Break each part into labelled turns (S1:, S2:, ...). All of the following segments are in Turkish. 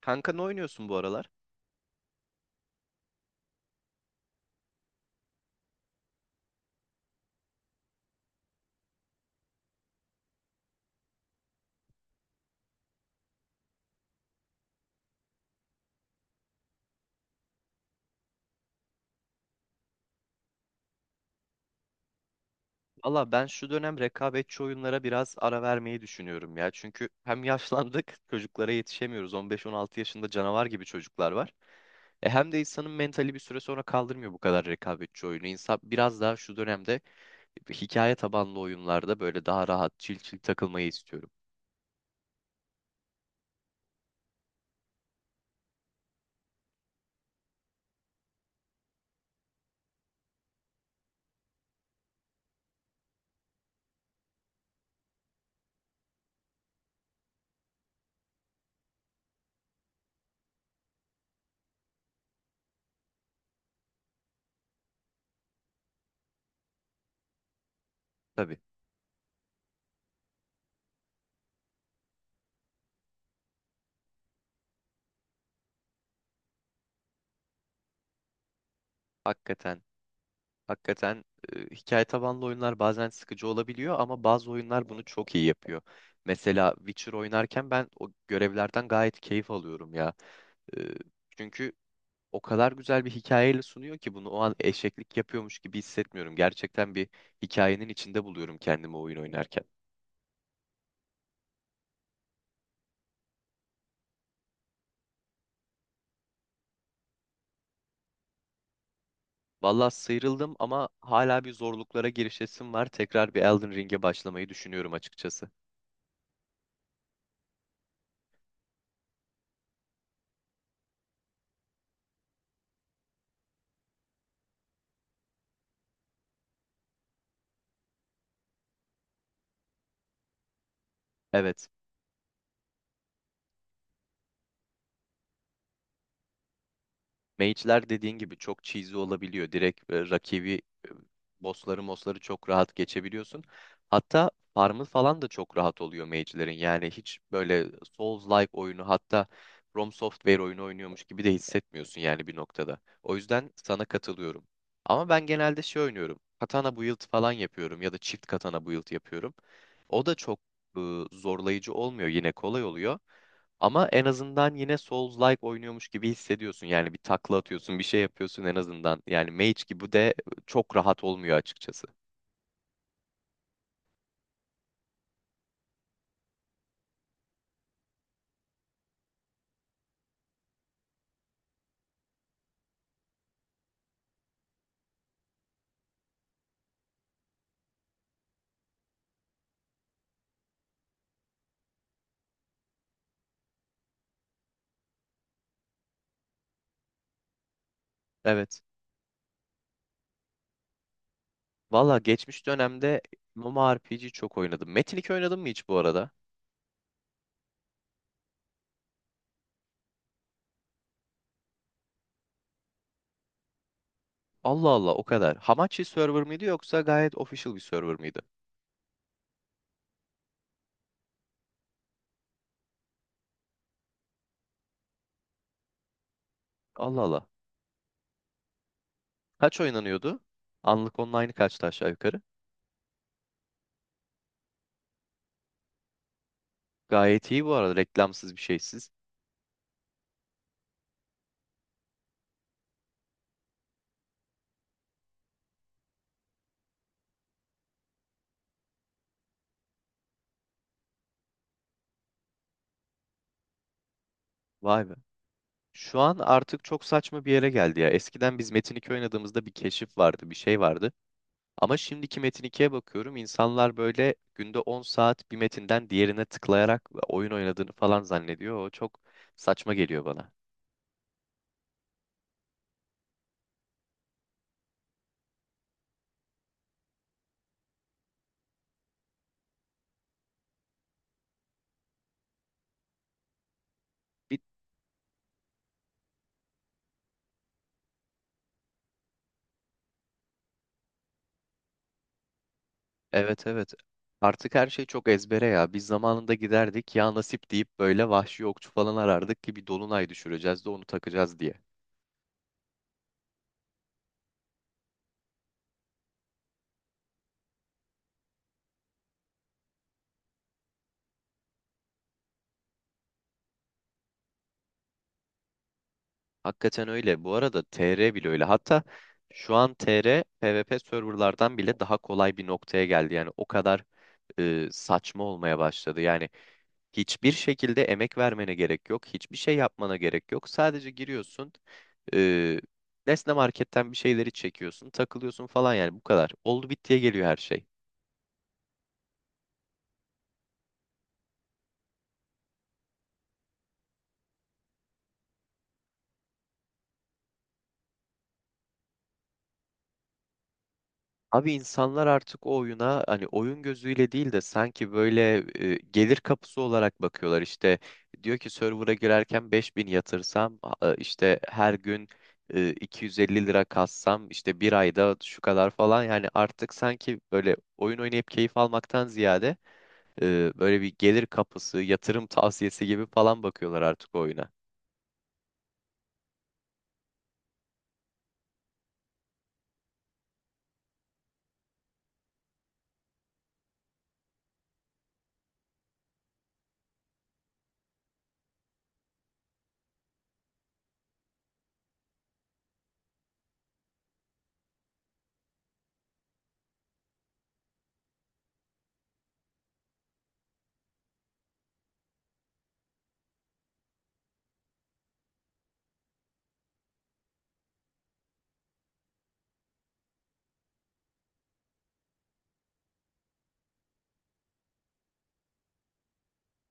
S1: Kanka ne oynuyorsun bu aralar? Valla ben şu dönem rekabetçi oyunlara biraz ara vermeyi düşünüyorum ya. Çünkü hem yaşlandık, çocuklara yetişemiyoruz. 15-16 yaşında canavar gibi çocuklar var. E hem de insanın mentali bir süre sonra kaldırmıyor bu kadar rekabetçi oyunu. İnsan biraz daha şu dönemde hikaye tabanlı oyunlarda böyle daha rahat, çil çil takılmayı istiyorum. Tabii, hakikaten Hakikaten, hikaye tabanlı oyunlar bazen sıkıcı olabiliyor ama bazı oyunlar bunu çok iyi yapıyor. Mesela Witcher oynarken ben o görevlerden gayet keyif alıyorum ya. E, çünkü o kadar güzel bir hikayeyle sunuyor ki bunu o an eşeklik yapıyormuş gibi hissetmiyorum. Gerçekten bir hikayenin içinde buluyorum kendimi oyun oynarken. Valla sıyrıldım ama hala bir zorluklara girişesim var. Tekrar bir Elden Ring'e başlamayı düşünüyorum açıkçası. Evet. Mage'ler dediğin gibi çok cheesy olabiliyor. Direkt rakibi e, bossları mosları çok rahat geçebiliyorsun. Hatta farmı falan da çok rahat oluyor mage'lerin. Yani hiç böyle Souls-like oyunu hatta From Software oyunu oynuyormuş gibi de hissetmiyorsun yani bir noktada. O yüzden sana katılıyorum. Ama ben genelde şey oynuyorum. Katana build falan yapıyorum ya da çift katana build yapıyorum. O da çok e, zorlayıcı olmuyor. Yine kolay oluyor. Ama en azından yine Souls-like oynuyormuş gibi hissediyorsun. Yani bir takla atıyorsun, bir şey yapıyorsun en azından. Yani Mage gibi de çok rahat olmuyor açıkçası. Evet. Valla geçmiş dönemde MMORPG çok oynadım. Metin 2 oynadın mı hiç bu arada? Allah Allah o kadar. Hamachi server mıydı yoksa gayet official bir server mıydı? Allah Allah. Kaç oynanıyordu? Anlık online kaçtı aşağı yukarı? Gayet iyi bu arada reklamsız bir şeysiz. Vay be. Şu an artık çok saçma bir yere geldi ya. Eskiden biz Metin 2 oynadığımızda bir keşif vardı, bir şey vardı. Ama şimdiki Metin ikiye bakıyorum. İnsanlar böyle günde 10 saat bir metinden diğerine tıklayarak oyun oynadığını falan zannediyor. O çok saçma geliyor bana. Bir, evet, evet. Artık her şey çok ezbere ya. Biz zamanında giderdik ya nasip deyip böyle vahşi okçu falan arardık ki bir dolunay düşüreceğiz de onu takacağız diye. Hakikaten öyle. Bu arada TR bile öyle. Hatta şu an TR PvP serverlardan bile daha kolay bir noktaya geldi. Yani o kadar saçma olmaya başladı. Yani hiçbir şekilde emek vermene gerek yok. Hiçbir şey yapmana gerek yok. Sadece giriyorsun. E, Nesne Market'ten bir şeyleri çekiyorsun. Takılıyorsun falan yani bu kadar. Oldu bittiye geliyor her şey. Abi insanlar artık o oyuna hani oyun gözüyle değil de sanki böyle gelir kapısı olarak bakıyorlar. İşte diyor ki server'a girerken 5000 yatırsam işte her gün 250 lira kassam işte bir ayda şu kadar falan yani artık sanki böyle oyun oynayıp keyif almaktan ziyade böyle bir gelir kapısı, yatırım tavsiyesi gibi falan bakıyorlar artık oyuna.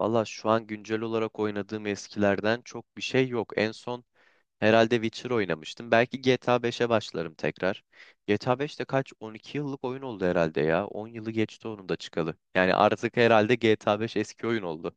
S1: Valla şu an güncel olarak oynadığım eskilerden çok bir şey yok. En son herhalde Witcher oynamıştım. Belki GTA 5'e başlarım tekrar. GTA 5 de kaç? 12 yıllık oyun oldu herhalde ya. 10 yılı geçti onun da çıkalı. Yani artık herhalde GTA 5 eski oyun oldu.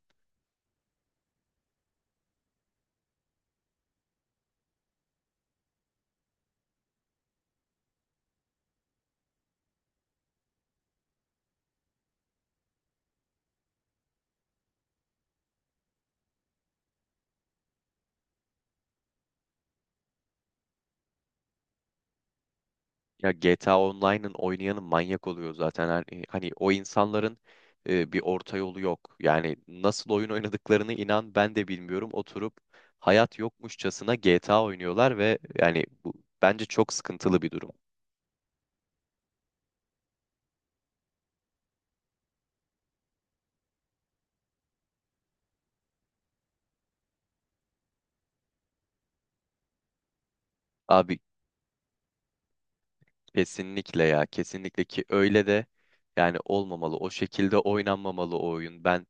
S1: Ya GTA Online'ın oynayanı manyak oluyor zaten. Hani o insanların bir orta yolu yok. Yani nasıl oyun oynadıklarını inan ben de bilmiyorum. Oturup hayat yokmuşçasına GTA oynuyorlar ve yani bu bence çok sıkıntılı bir durum. Abi kesinlikle ya, kesinlikle ki öyle de yani olmamalı. O şekilde oynanmamalı o oyun. Ben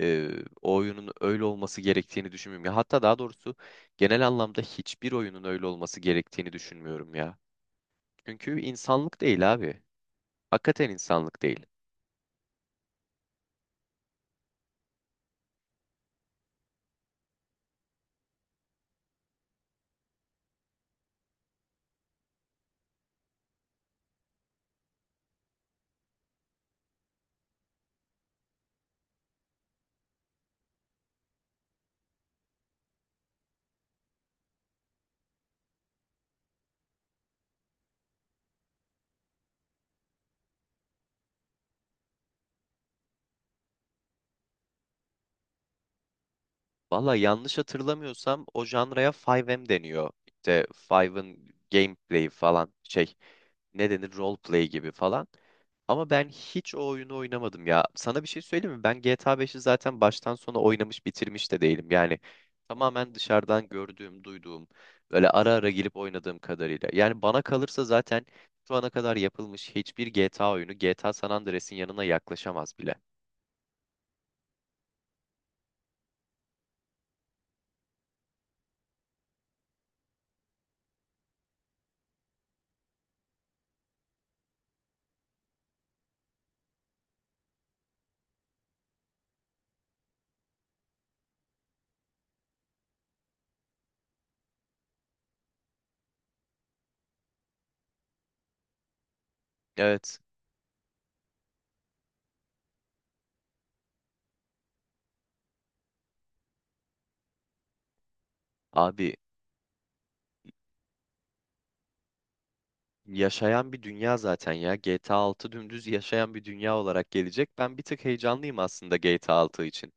S1: e, o oyunun öyle olması gerektiğini düşünmüyorum. Ya hatta daha doğrusu genel anlamda hiçbir oyunun öyle olması gerektiğini düşünmüyorum ya. Çünkü insanlık değil abi. Hakikaten insanlık değil. Valla yanlış hatırlamıyorsam o janraya 5M deniyor. İşte 5'ın gameplay falan şey, ne denir, roleplay gibi falan. Ama ben hiç o oyunu oynamadım ya. Sana bir şey söyleyeyim mi? Ben GTA 5'i zaten baştan sona oynamış bitirmiş de değilim. Yani tamamen dışarıdan gördüğüm, duyduğum, böyle ara ara gelip oynadığım kadarıyla. Yani bana kalırsa zaten şu ana kadar yapılmış hiçbir GTA oyunu GTA San Andreas'in yanına yaklaşamaz bile. Evet abi, yaşayan bir dünya zaten ya. GTA 6 dümdüz yaşayan bir dünya olarak gelecek. Ben bir tık heyecanlıyım aslında GTA 6 için.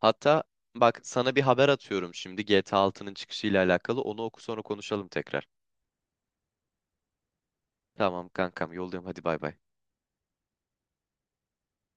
S1: Hatta bak sana bir haber atıyorum şimdi GTA 6'nın çıkışıyla alakalı. Onu oku, sonra konuşalım tekrar. Tamam kankam, yoldayım, hadi bay bay.